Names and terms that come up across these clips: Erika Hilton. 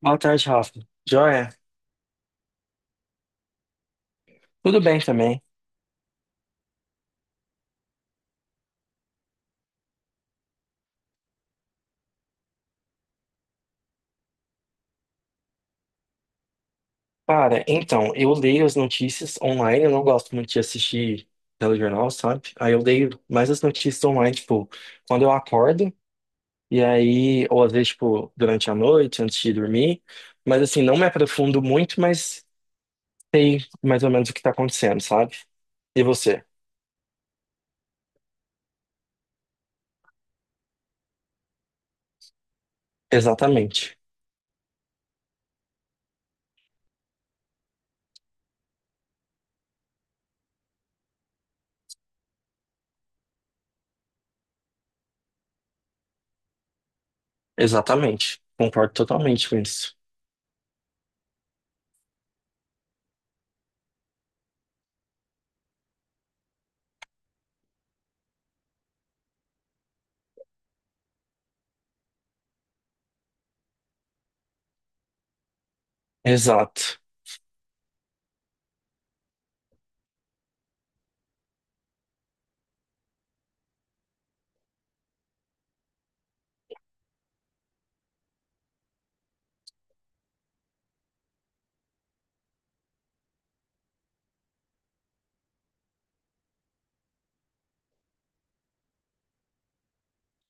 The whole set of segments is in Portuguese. Boa tarde, Rafa. Joia? Tudo bem também. Cara, então, eu leio as notícias online, eu não gosto muito de assistir telejornal, sabe? Aí eu leio mais as notícias online, tipo, quando eu acordo, e aí, ou às vezes, tipo, durante a noite, antes de dormir. Mas assim, não me aprofundo muito, mas sei mais ou menos o que tá acontecendo, sabe? E você? Exatamente. Exatamente. Concordo totalmente com isso. Exato.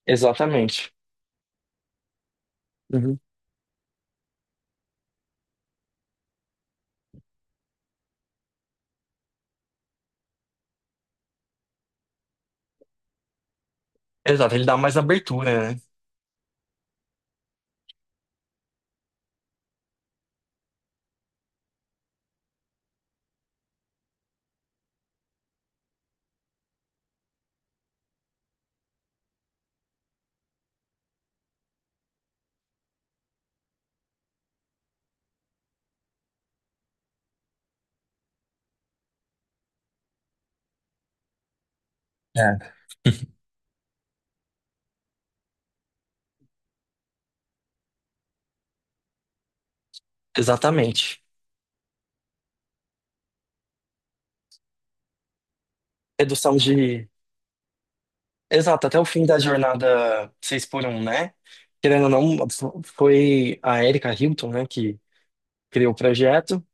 Exatamente. Uhum. Exato, ele dá mais abertura, né? É. Exatamente. Redução de. Exato, até o fim da jornada 6 por um, né? Querendo ou não, foi a Erika Hilton, né, que criou o projeto.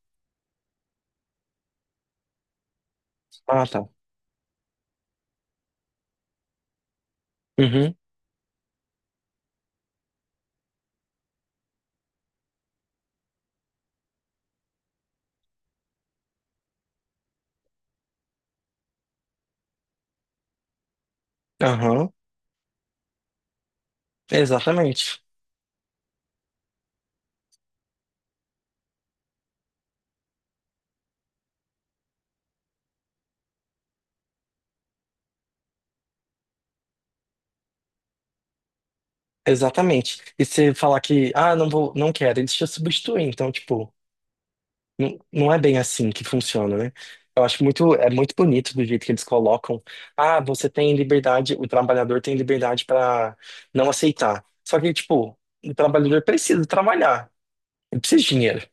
Ah, tá. Uhum, aham. Exatamente. Exatamente. E você falar que, ah, não vou, não quero, eles te substituem. Então, tipo, não, não é bem assim que funciona, né? Eu acho muito, é muito bonito do jeito que eles colocam. Ah, você tem liberdade, o trabalhador tem liberdade para não aceitar. Só que, tipo, o trabalhador precisa trabalhar, ele precisa de dinheiro.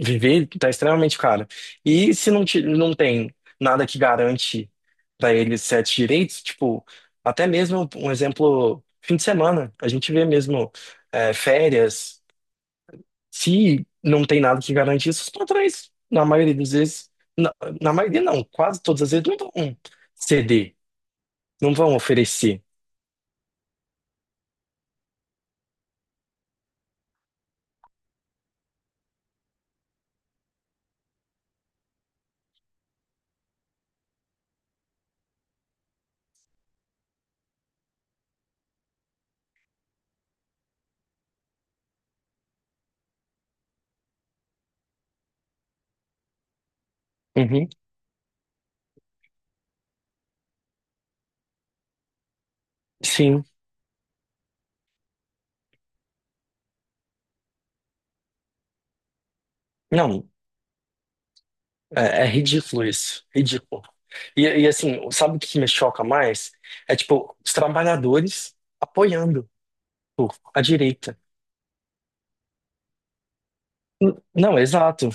Viver tá extremamente caro. E se não, não tem nada que garante para ele certos direitos, tipo, até mesmo um exemplo, fim de semana, a gente vê mesmo férias. Se não tem nada que garante isso, os patrões, na maioria das vezes, na, na maioria não, quase todas as vezes, não vão ceder, não vão oferecer. Uhum, sim. Não, é ridículo isso, ridículo. E assim, sabe o que me choca mais? É tipo, os trabalhadores apoiando pô, a direita. Não, exato,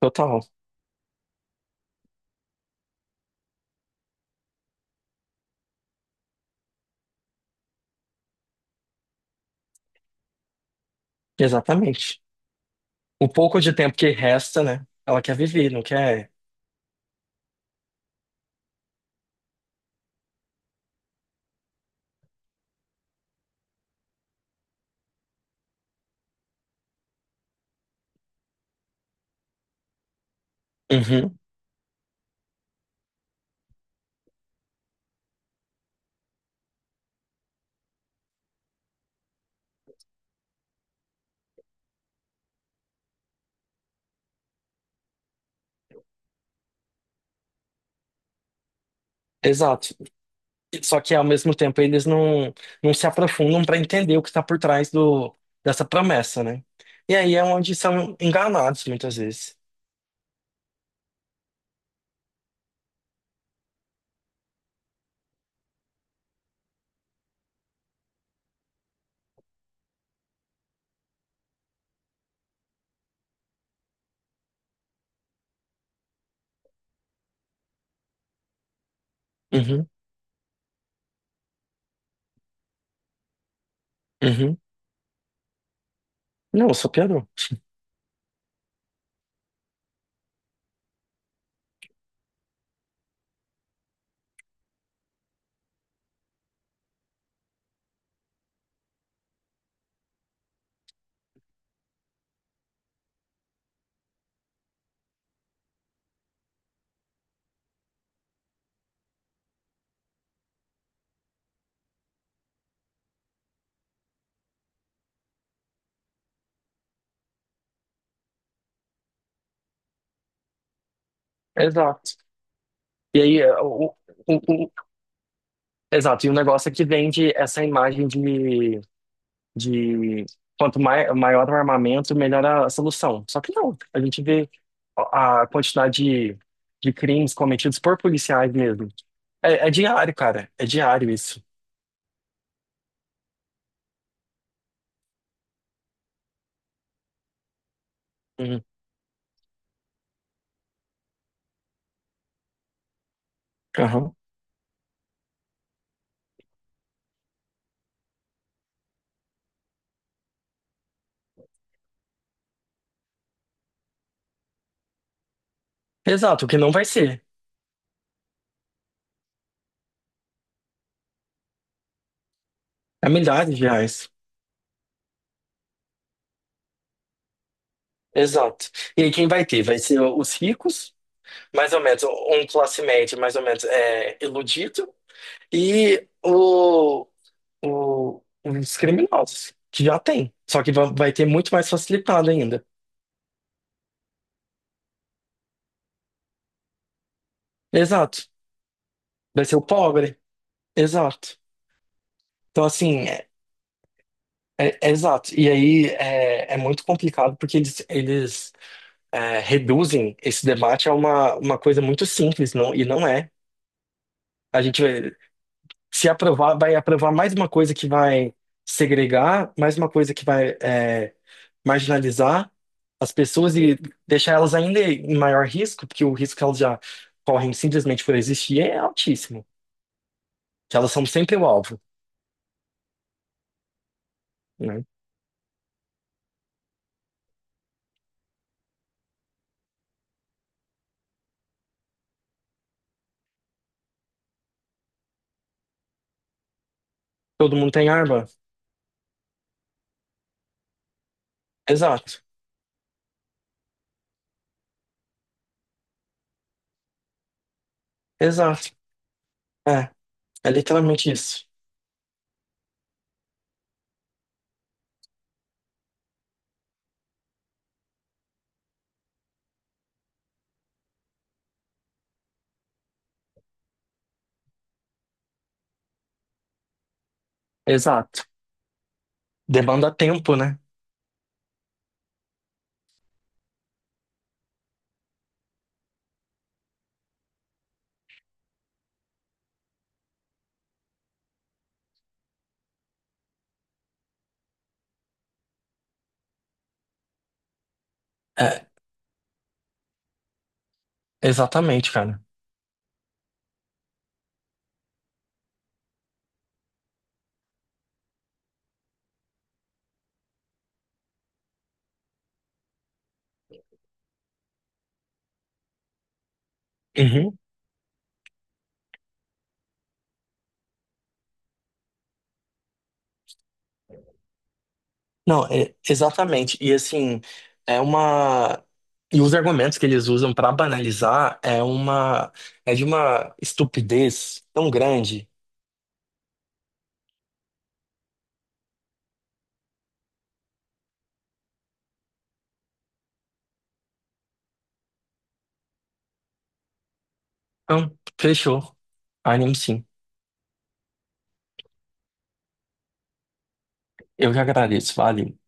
total, exatamente. O pouco de tempo que resta, né? Ela quer viver, não quer. Uhum, exato. Só que ao mesmo tempo eles não se aprofundam para entender o que está por trás dessa promessa, né? E aí é onde são enganados muitas vezes. Uhum, uhum. Não, só piorou. Exato. E aí, o, o- exato, e o negócio é que vende essa imagem de quanto maior o armamento, melhor a solução. Só que não, a gente vê a quantidade de crimes cometidos por policiais mesmo. É diário, cara, é diário isso. Uhum. Exato, o que não vai ser. É milhares de reais. Exato. E aí quem vai ter? Vai ser os ricos, mais ou menos, um classe média mais ou menos é, iludido, e os criminosos, que já tem. Só que vai ter muito mais facilitado ainda. Exato. Vai ser o pobre. Exato. Então, assim, é exato. E aí é muito complicado porque eles reduzem esse debate a uma coisa muito simples, não, e não é. A gente, se aprovar, vai aprovar mais uma coisa que vai segregar, mais uma coisa que vai marginalizar as pessoas e deixar elas ainda em maior risco, porque o risco que elas já correm simplesmente por existir é altíssimo, que elas são sempre o alvo, né? Todo mundo tem arma? Exato, exato. É, é literalmente isso. Exato. Demanda tempo, né? É, exatamente, cara. Uhum. Não, exatamente. E assim, é uma. E os argumentos que eles usam para banalizar é uma. É de uma estupidez tão grande. Então, fechou. Anime sim. Eu que agradeço. Valeu.